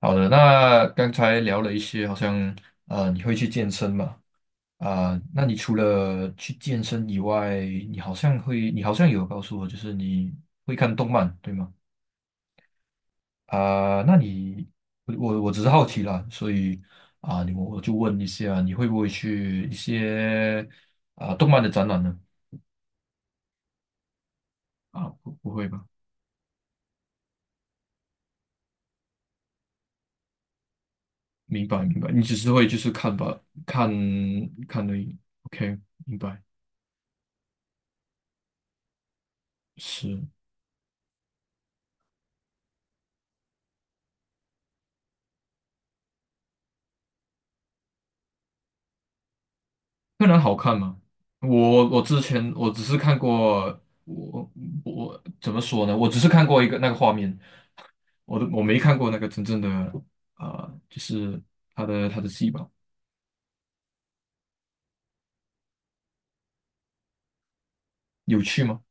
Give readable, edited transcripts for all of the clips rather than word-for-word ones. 好的，那刚才聊了一些，好像你会去健身嘛？那你除了去健身以外，你好像有告诉我，就是你会看动漫，对吗？啊、那你我只是好奇啦，所以我就问一下，你会不会去一些动漫的展览呢？不会吧？明白明白，你只是会就是看吧，看看的 OK，明白，是。柯南好看吗？我之前我只是看过，我我怎么说呢？我只是看过一个那个画面，我没看过那个真正的就是他的戏吧？有趣吗？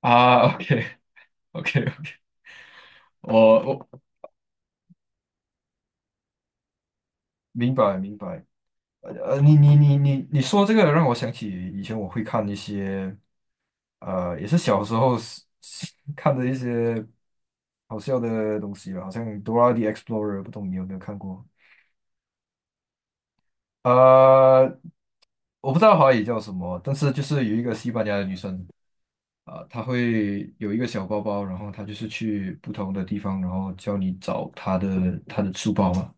OK OK，OK。 我明白明白。你说这个让我想起以前我会看一些，也是小时候是 看的一些好笑的东西吧，好像《Dora the Explorer》，不懂你有没有看过？呃，我不知道华语叫什么，但是就是有一个西班牙的女生她会有一个小包包，然后她就是去不同的地方，然后教你找她的书包吗？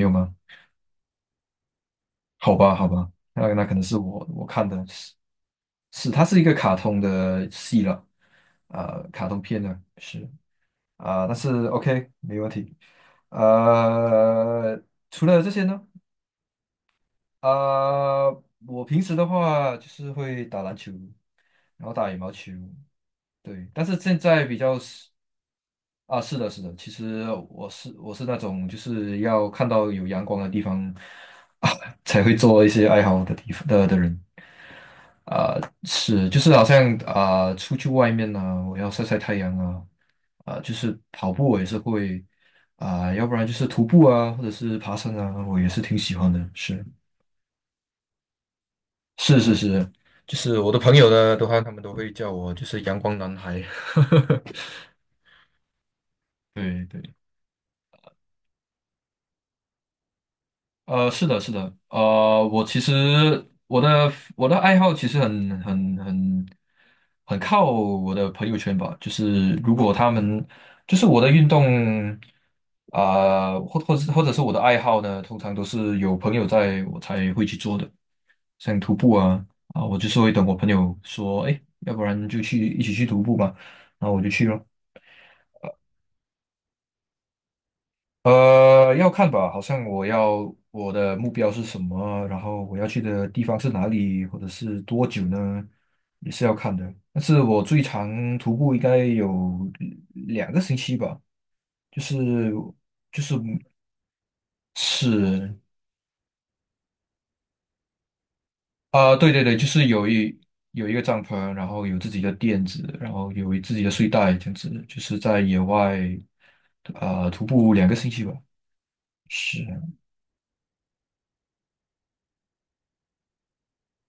没有吗？好吧，好吧，那可能是我看的是是，它是一个卡通的戏了，卡通片呢是但是 OK 没问题，呃，除了这些呢？啊，我平时的话就是会打篮球，然后打羽毛球，对。但是现在比较是啊，是的，是的。其实我是那种就是要看到有阳光的地方 啊，才会做一些爱好的地方的人。是，就是好像啊，出去外面呢，我要晒晒太阳啊，就是跑步我也是会要不然就是徒步啊，或者是爬山啊，我也是挺喜欢的。是。是是是，就是我的朋友呢的话，他们都会叫我就是阳光男孩。对对。是的，是的，我其实我的爱好其实很靠我的朋友圈吧，就是如果他们就是我的运动或者是我的爱好呢，通常都是有朋友在我才会去做的，像徒步啊，我就是会等我朋友说，哎，要不然就去一起去徒步吧，然后我就去了。要看吧，好像我的目标是什么，然后我要去的地方是哪里，或者是多久呢，也是要看的。但是我最长徒步应该有两个星期吧，就是就是是啊、对对对，就是有一个帐篷，然后有自己的垫子，然后有自己的睡袋，这样子，就是在野外徒步两个星期吧，是。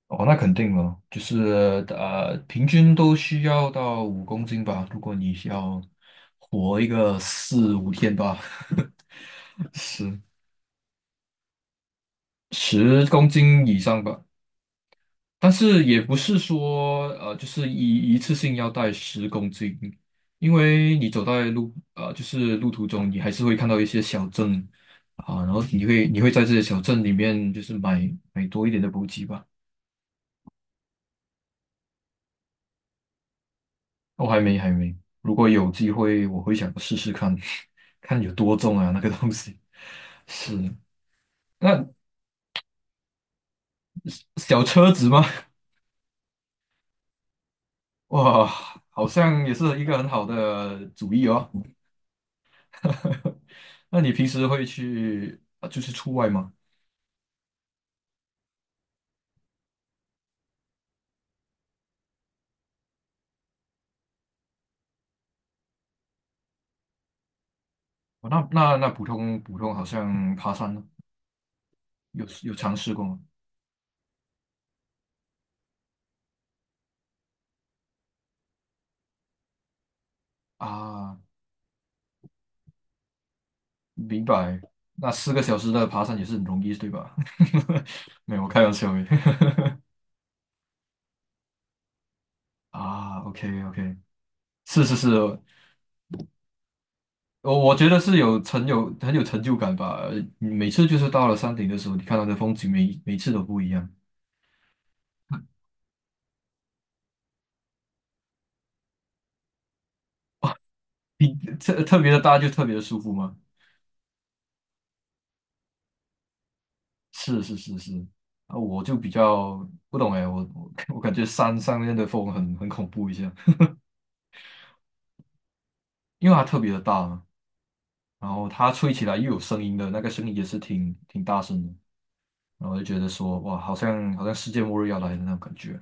哦，那肯定了，就是平均都需要到五公斤吧。如果你要活一个四五天吧，十十公斤以上吧。但是也不是说就是一次性要带十公斤，因为你走在就是路途中，你还是会看到一些小镇然后你会在这些小镇里面就是买多一点的补给吧。我还没还没，如果有机会，我会想试试看，看有多重啊那个东西。是，那小车子吗？哇，好像也是一个很好的主意哦。那你平时会去，就是出外吗？哦那普通好像爬山呢，有尝试过吗？啊，明白。那四个小时的爬山也是很容易，对吧？没有，我开玩笑的。啊，OK OK，是是是，我觉得是有很有成就感吧。每次就是到了山顶的时候，你看到的风景每次都不一样，特别的大就特别的舒服嘛。是是是是，我就比较不懂哎，我 我感觉山上面的风很恐怖一下，因为它特别的大嘛，然后它吹起来又有声音的，那个声音也是挺大声的，然后我就觉得说哇，好像世界末日要来的那种感觉。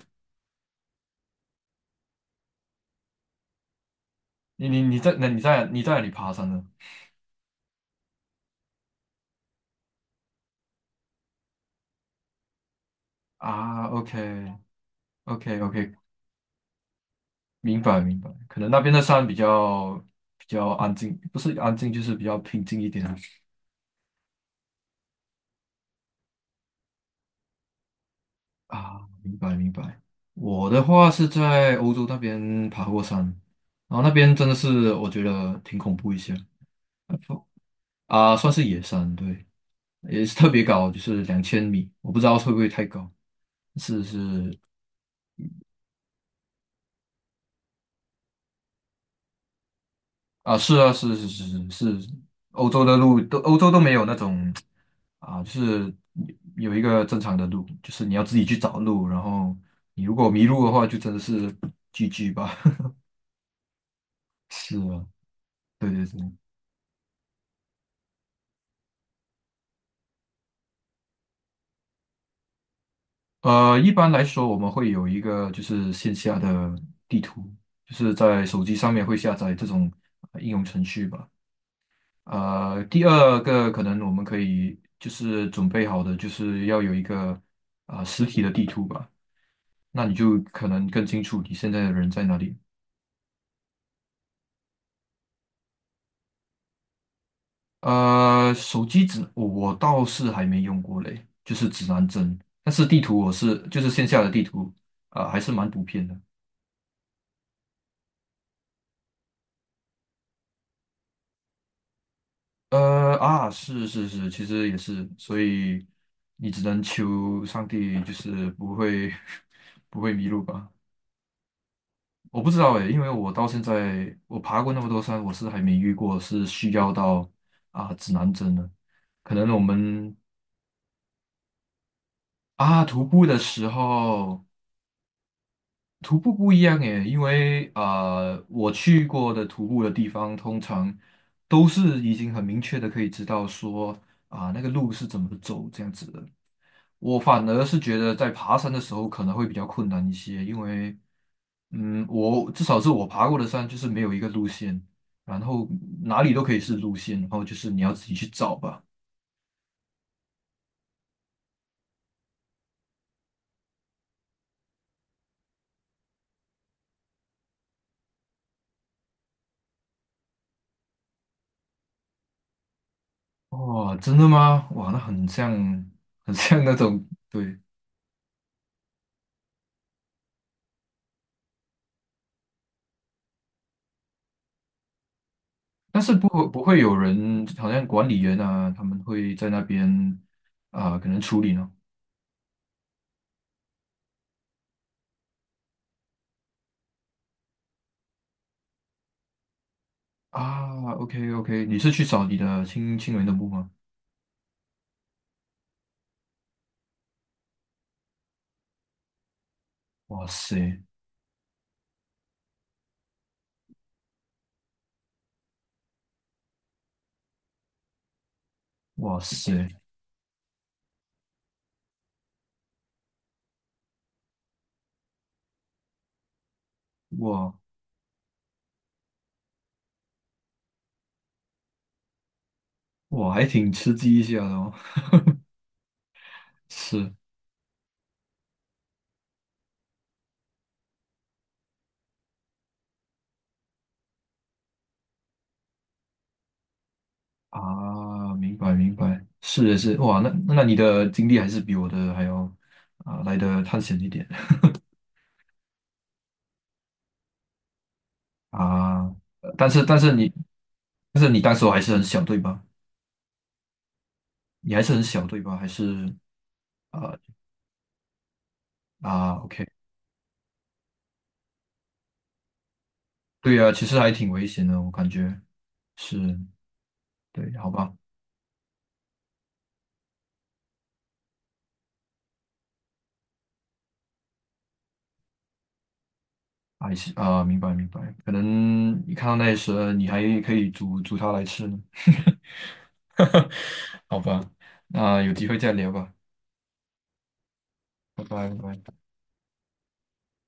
你你你在那你在你在哪里爬山呢？啊，OK，OK，OK，明白明白，可能那边的山比较安静，不是安静就是比较平静一点啊。明白明白。我的话是在欧洲那边爬过山，然后那边真的是我觉得挺恐怖一些算是野山，对，也是特别高，就是两千米，我不知道会不会太高，是是啊，是啊，是是是是是，欧洲都没有那种就是有一个正常的路，就是你要自己去找路，然后你如果迷路的话，就真的是 GG 吧。是啊，对对对，一般来说我们会有一个就是线下的地图，就是在手机上面会下载这种应用程序吧。第二个可能我们可以就是准备好的就是要有一个实体的地图吧。那你就可能更清楚你现在的人在哪里。手机指我倒是还没用过嘞，就是指南针，但是地图就是线下的地图啊，还是蛮普遍的。是是是，其实也是，所以你只能求上帝，就是不会 不会迷路吧？我不知道诶，因为我到现在我爬过那么多山，我是还没遇过是需要到指南针的。可能我们徒步的时候。徒步不一样耶，因为啊，我去过的徒步的地方，通常都是已经很明确的可以知道说那个路是怎么走这样子的。我反而是觉得在爬山的时候可能会比较困难一些，因为我至少是我爬过的山就是没有一个路线，然后哪里都可以是路线，然后就是你要自己去找吧。哦，真的吗？哇，那很像，很像那种，对，但是不会有人，好像管理员啊，他们会在那边可能处理呢。OK OK，你是去找你的亲人的墓吗？哇塞，哇塞，哇哇，还挺吃鸡一下的哦。是啊，明白明白，是的是，哇，那你的经历还是比我的还要来的探险一点 啊。但是但是你但是你当时候还是很小对吧？你还是很小对吧？还是啊OK。对呀，其实还挺危险的，我感觉是，对，好吧，还是啊，明白明白，可能你看到那些蛇，你还可以煮煮它来吃呢，好吧，那有机会再聊吧，拜拜拜拜。